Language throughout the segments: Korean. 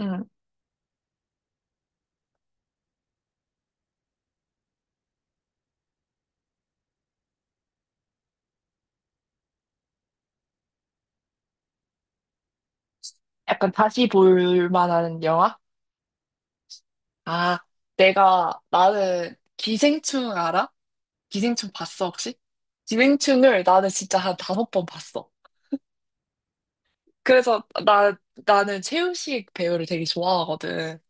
음, 약간 다시 볼 만한 영화? 아, 나는 기생충 알아? 기생충 봤어, 혹시? 기생충을 나는 진짜 한 5번 봤어. 그래서 나는 최우식 배우를 되게 좋아하거든.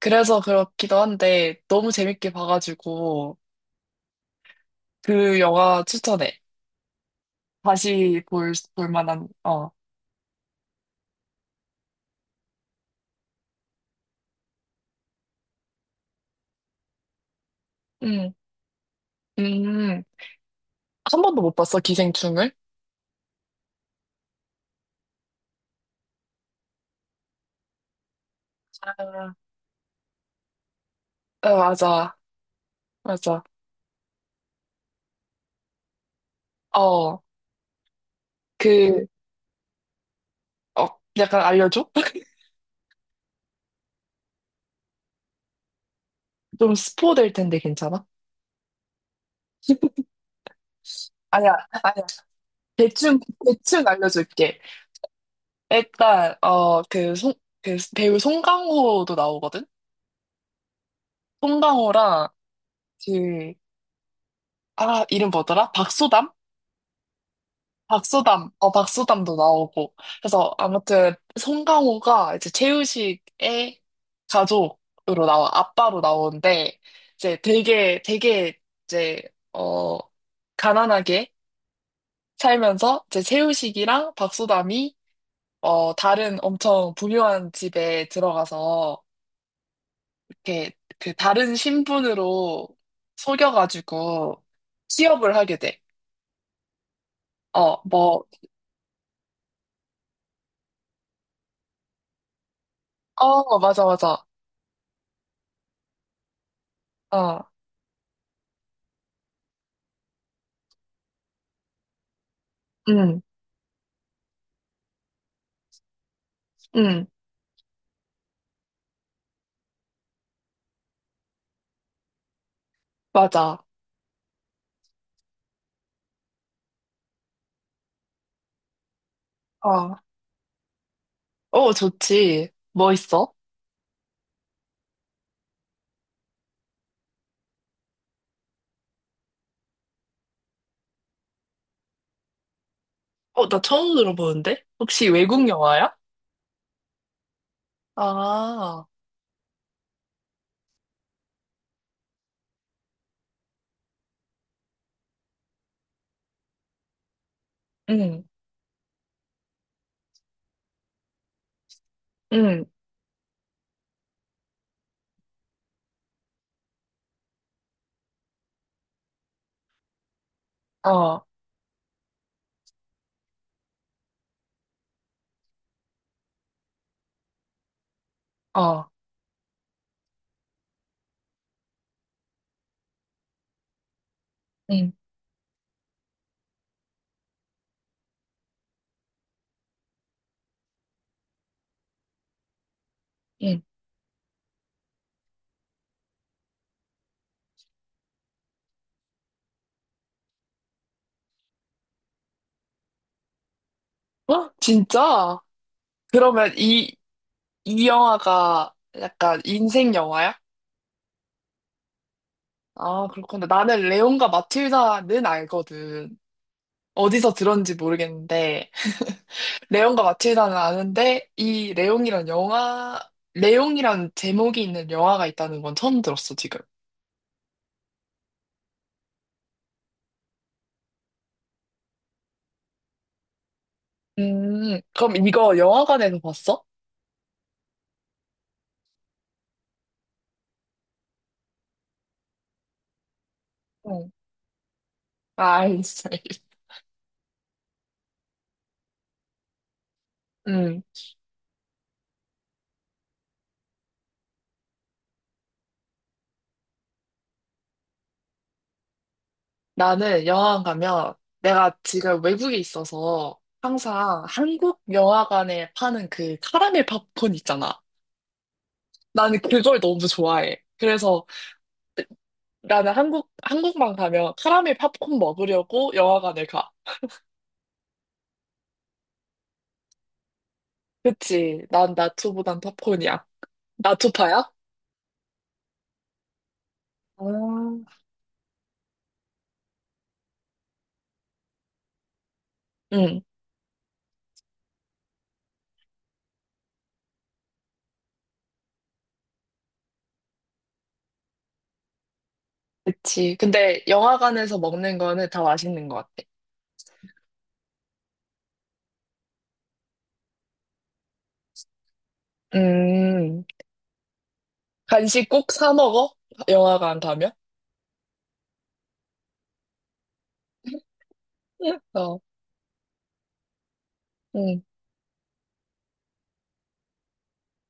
그래서 그렇기도 한데 너무 재밌게 봐가지고 그 영화 추천해. 다시 볼 만한, 어. 음, 음. 한 번도 못 봤어, 기생충을? 아, 어, 맞아, 맞아. 어, 그, 어, 약간 알려줘? 좀 스포 될 텐데 괜찮아? 아니야, 아니야. 대충, 대충 알려줄게. 일단, 그 배우 송강호도 나오거든? 송강호랑 그, 이름 뭐더라? 박소담? 박소담도 나오고. 그래서 아무튼 송강호가 이제 최우식의 가족으로 나와, 아빠로 나오는데, 이제 되게, 이제, 어, 가난하게, 살면서 제 채우식이랑 박소담이 다른 엄청 부유한 집에 들어가서 이렇게 그 다른 신분으로 속여가지고 취업을 하게 돼. 어, 뭐, 어, 맞아, 맞아. 어, 응, 응, 맞아. 어, 어, 좋지. 뭐 있어? 어, 나 처음 들어보는데? 혹시 외국 영화야? 아, 응, 응, 어, 어, 응, 응. 어? 진짜? 그러면 이 영화가 약간 인생 영화야? 아, 그렇구나. 나는 레온과 마틸다는 알거든. 어디서 들었는지 모르겠는데, 레온과 마틸다는 아는데, 이 레온이란 영화, 레온이란 제목이 있는 영화가 있다는 건 처음 들었어, 지금. 그럼 이거 영화관에서 봤어? 응. 아, 알겠어. 음, 나는 영화관 가면 내가 지금 외국에 있어서 항상 한국 영화관에 파는 그 카라멜 팝콘 있잖아. 나는 그걸 너무 좋아해. 그래서 나는 한국만 가면 카라멜 팝콘 먹으려고 영화관을 가. 그치. 난 나초보단 팝콘이야. 나초파야? 아. 응, 그치. 근데 영화관에서 먹는 거는 다 맛있는 것 같아. 음, 간식 꼭 사 먹어? 영화관 가면? 응. 어, 응,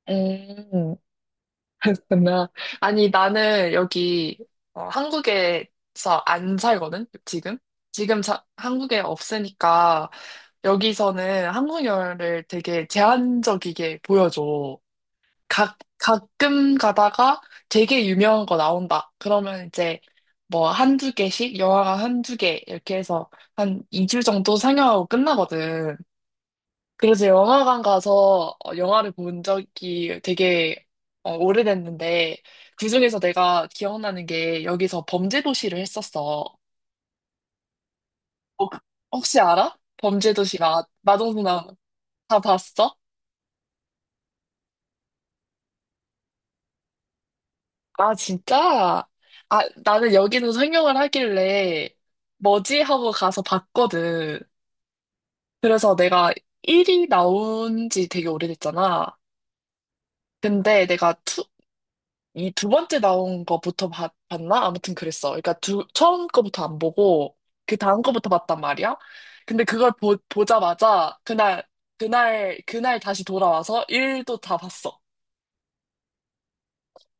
음. 그렇구나. 아니, 나는 여기 한국에서 안 살거든, 지금? 지금 한국에 없으니까 여기서는 한국어를 되게 제한적이게 보여줘. 가끔 가다가 되게 유명한 거 나온다. 그러면 이제 뭐 한두 개씩, 영화가 한두 개 이렇게 해서 한 2주 정도 상영하고 끝나거든. 그래서 영화관 가서 영화를 본 적이 되게 오래됐는데, 그중에서 내가 기억나는 게 여기서 범죄도시를 했었어. 어, 그- 혹시 알아? 범죄도시가 마동석나 다 봤어? 아, 진짜? 아, 나는 여기는 상영을 하길래 뭐지 하고 가서 봤거든. 그래서 내가 1이 나온 지 되게 오래됐잖아. 근데 내가 이 두 번째 나온 거부터 나 아무튼 그랬어. 그러니까 처음 거부터 안 보고 그 다음 거부터 봤단 말이야. 근데 그걸 보자마자 그날 다시 돌아와서 일도 다 봤어.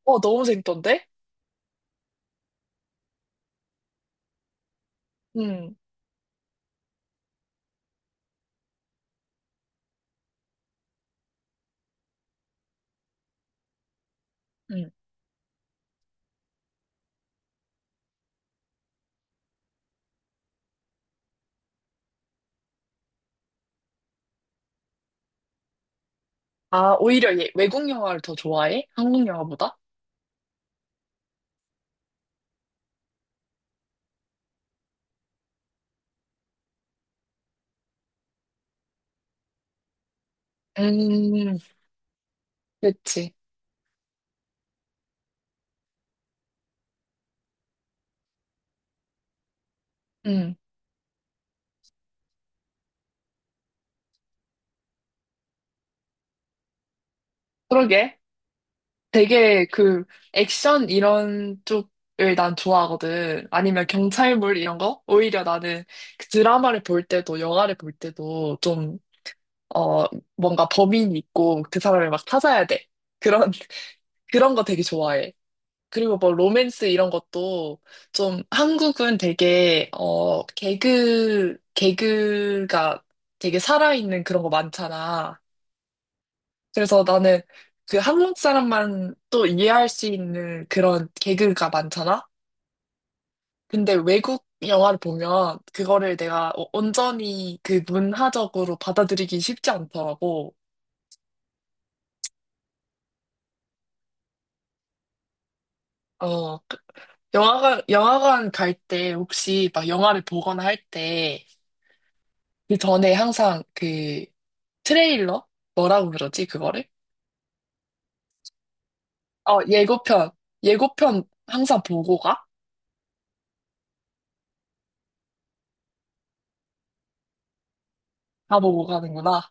어, 너무 재밌던데? 음, 음. 아, 오히려 얘 외국 영화를 더 좋아해? 한국 영화보다? 음, 그치. 음, 그러게. 되게 그 액션 이런 쪽을 난 좋아하거든. 아니면 경찰물 이런 거? 오히려 나는 그 드라마를 볼 때도 영화를 볼 때도 좀, 어, 뭔가 범인이 있고 그 사람을 막 찾아야 돼. 그런, 그런 거 되게 좋아해. 그리고 뭐 로맨스 이런 것도 좀 한국은 되게, 개그가 되게 살아있는 그런 거 많잖아. 그래서 나는 그 한국 사람만 또 이해할 수 있는 그런 개그가 많잖아? 근데 외국 영화를 보면 그거를 내가 온전히 그 문화적으로 받아들이기 쉽지 않더라고. 어, 영화관 갈 때 혹시 막 영화를 보거나 할 때 그 전에 항상 그 트레일러? 뭐라고 그러지, 그거를? 어, 예고편. 예고편 항상 보고 가? 다 보고 가는구나.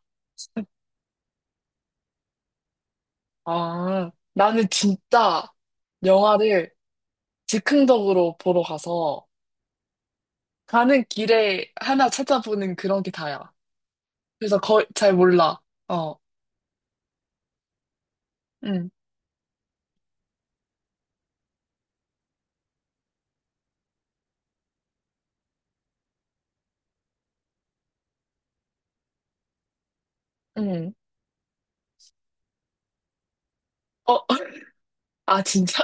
아, 나는 진짜 영화를 즉흥적으로 보러 가서 가는 길에 하나 찾아보는 그런 게 다야. 그래서 거의 잘 몰라. 어, 응, 응. 어, 아, 진짜?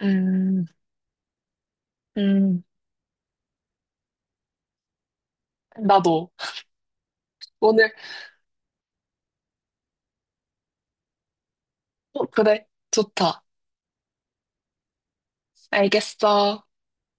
음, 음, 나도. 오늘, 어, 그래, 좋다. 알겠어.